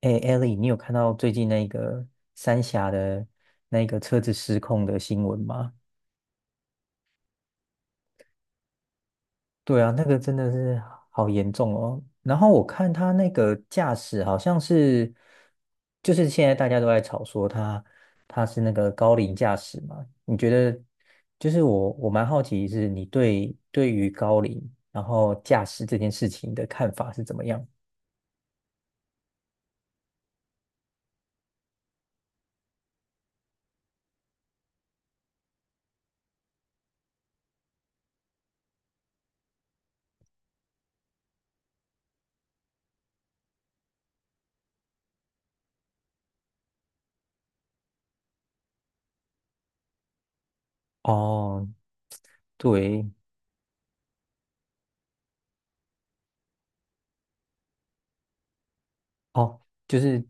哎，Ellie，你有看到最近那个三峡的那个车子失控的新闻吗？对啊，那个真的是好严重哦。然后我看他那个驾驶好像是，就是现在大家都在吵说他是那个高龄驾驶嘛。你觉得，就是我蛮好奇是你对于高龄然后驾驶这件事情的看法是怎么样？哦，对，哦，就是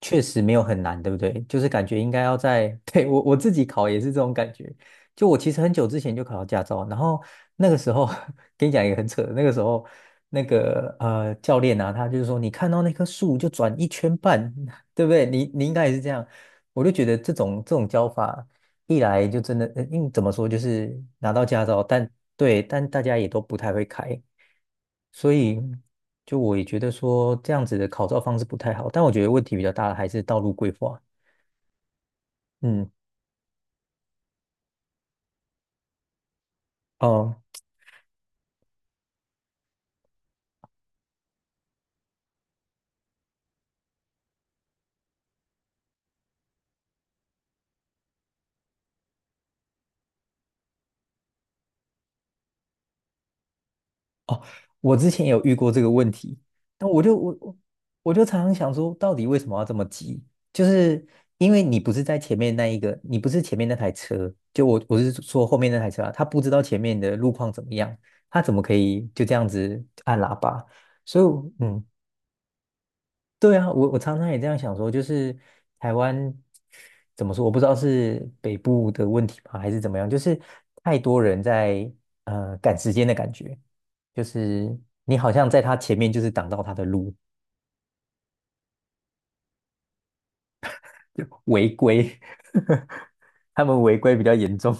确实没有很难，对不对？就是感觉应该要在，对，我自己考也是这种感觉。就我其实很久之前就考到驾照，然后那个时候 跟你讲一个很扯的，那个时候那个教练啊，他就是说你看到那棵树就转一圈半，对不对？你应该也是这样，我就觉得这种教法一来就真的，嗯，怎么说就是拿到驾照，但对，但大家也都不太会开。所以就我也觉得说这样子的考照方式不太好，但我觉得问题比较大的还是道路规划。嗯，哦哦，我之前也有遇过这个问题，那我就常常想说，到底为什么要这么急？就是因为你不是在前面那一个，你不是前面那台车，就我是说后面那台车啊，他不知道前面的路况怎么样，他怎么可以就这样子按喇叭？所以，嗯，对啊，我常常也这样想说，就是台湾怎么说，我不知道是北部的问题吧，还是怎么样，就是太多人在赶时间的感觉，就是你好像在他前面就是挡到他的路，违规，他们违规比较严重。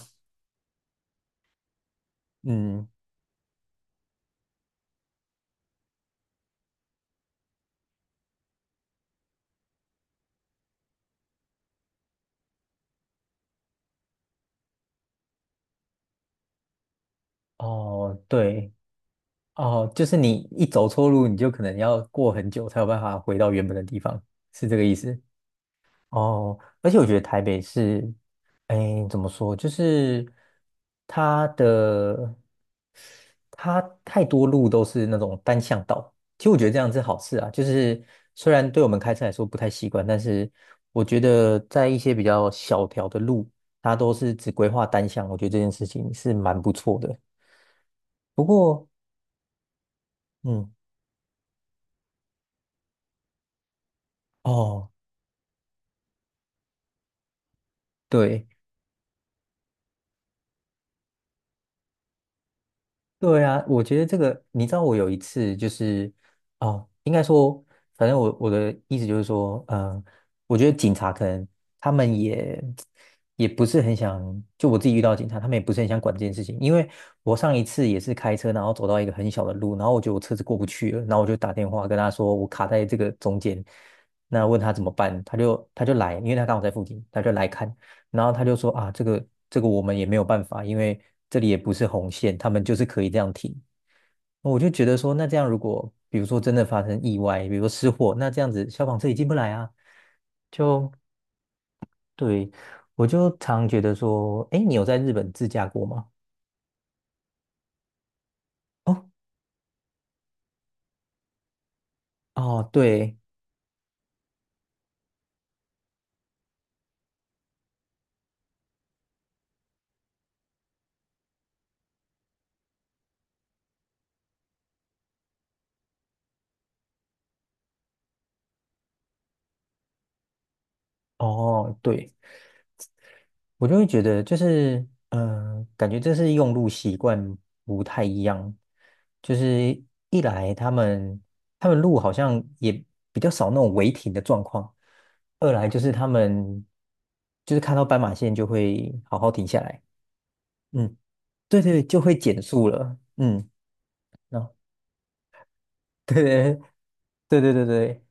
嗯，哦，对，哦，就是你一走错路，你就可能要过很久才有办法回到原本的地方，是这个意思。哦，而且我觉得台北是，哎，怎么说，就是它的它太多路都是那种单向道。其实我觉得这样是好事啊，就是虽然对我们开车来说不太习惯，但是我觉得在一些比较小条的路，它都是只规划单向，我觉得这件事情是蛮不错的。不过，嗯，哦，对。对啊，我觉得这个，你知道，我有一次就是，哦，应该说，反正我的意思就是说，嗯、我觉得警察可能他们也不是很想，就我自己遇到警察，他们也不是很想管这件事情，因为我上一次也是开车，然后走到一个很小的路，然后我觉得我车子过不去了，然后我就打电话跟他说我卡在这个中间，那问他怎么办，他就来，因为他刚好在附近，他就来看，然后他就说啊，这个我们也没有办法，因为这里也不是红线，他们就是可以这样停。我就觉得说，那这样如果比如说真的发生意外，比如说失火，那这样子消防车也进不来啊。就对，我就常觉得说，哎，你有在日本自驾过吗？哦哦，对，哦对。我就会觉得就是，嗯、感觉这是用路习惯不太一样。就是一来他们路好像也比较少那种违停的状况，二来就是他们就是看到斑马线就会好好停下来，嗯，对对，就会减速了，嗯，然后 对对，对对对对，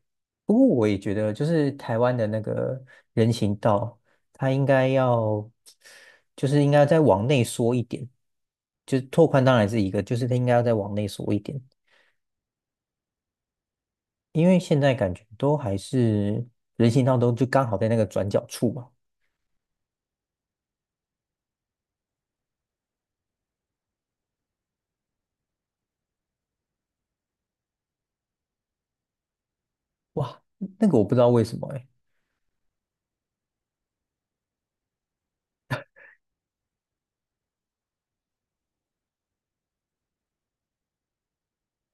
不过我也觉得，就是台湾的那个人行道，它应该要，就是应该再往内缩一点，就是拓宽当然是一个，就是它应该要再往内缩一点，因为现在感觉都还是人行道都就刚好在那个转角处嘛，哇，那个我不知道为什么哎，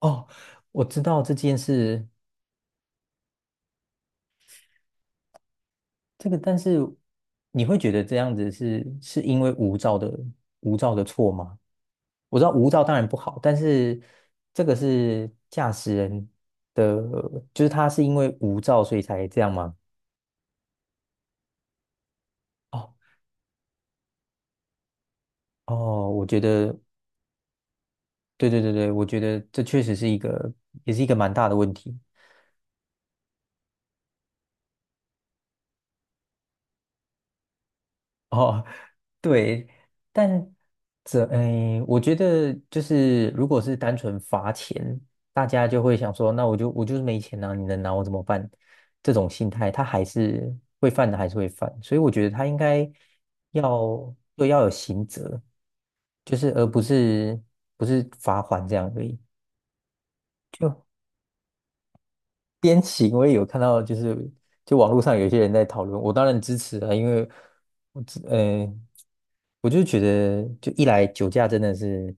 哦，我知道这件事，这个但是你会觉得这样子是因为无照的无照的错吗？我知道无照当然不好，但是这个是驾驶人的，就是他是因为无照所以才这样吗？哦哦，我觉得，对对对对，我觉得这确实是一个，也是一个蛮大的问题。哦，对，但这，哎，我觉得就是，如果是单纯罚钱，大家就会想说，那我就是没钱啊，你能拿我怎么办？这种心态，他还是会犯的，还是会犯，所以我觉得他应该要就要有刑责，就是而不是罚款这样而已。边骑，我也有看到，就是就网络上有些人在讨论，我当然支持啊，因为我只呃，我就觉得，就一来酒驾真的是，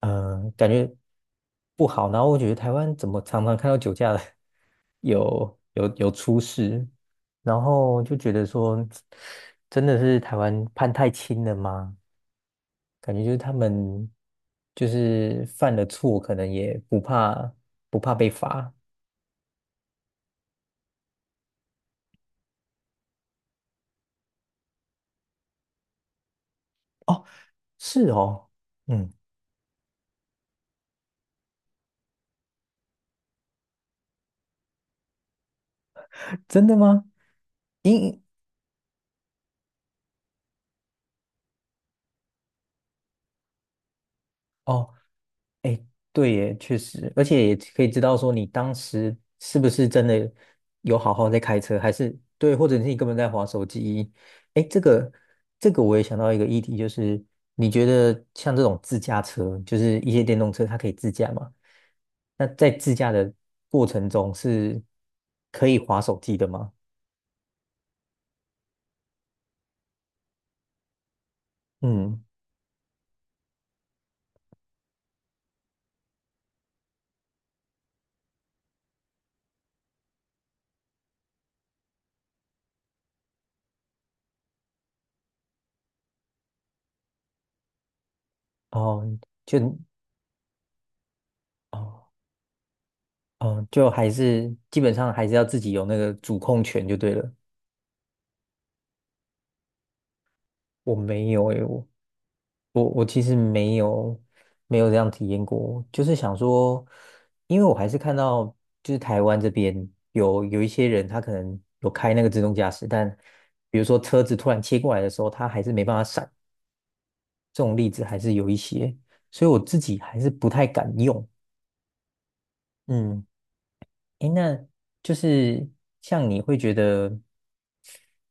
感觉不好，然后我觉得台湾怎么常常看到酒驾的 有出事，然后就觉得说，真的是台湾判太轻了吗？感觉就是他们就是犯了错，可能也不怕被罚。哦，是哦。嗯。真的吗？因哦，哎，对耶，确实，而且也可以知道说你当时是不是真的有好好在开车，还是对，或者是你根本在划手机。哎，这个我也想到一个议题，就是你觉得像这种自驾车，就是一些电动车，它可以自驾吗？那在自驾的过程中是可以划手机的吗？嗯，哦，就哦。哦，就还是基本上还是要自己有那个主控权就对了。我没有诶，我其实没有这样体验过，就是想说，因为我还是看到就是台湾这边有一些人他可能有开那个自动驾驶，但比如说车子突然切过来的时候，他还是没办法闪，这种例子还是有一些，所以我自己还是不太敢用。嗯，诶，那就是像你会觉得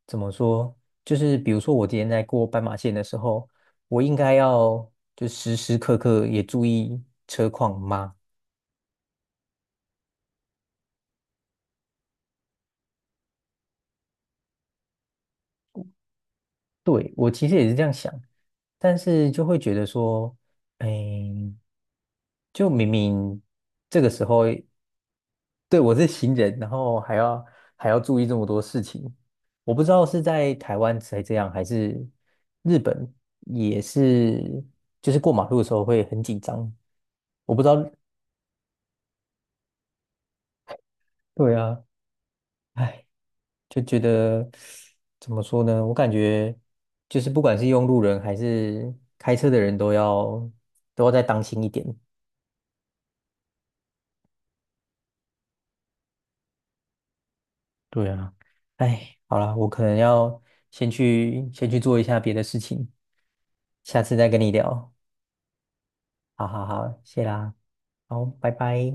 怎么说？就是比如说，我今天在过斑马线的时候，我应该要就时时刻刻也注意车况吗？对，我其实也是这样想，但是就会觉得说，哎，就明明这个时候对，我是行人，然后还要注意这么多事情，我不知道是在台湾才这样，还是日本也是，就是过马路的时候会很紧张。我不知道，对啊，哎，就觉得怎么说呢？我感觉就是不管是用路人还是开车的人都要再当心一点。对啊，哎，好啦，我可能要先去做一下别的事情，下次再跟你聊。好好好，谢啦，好，拜拜。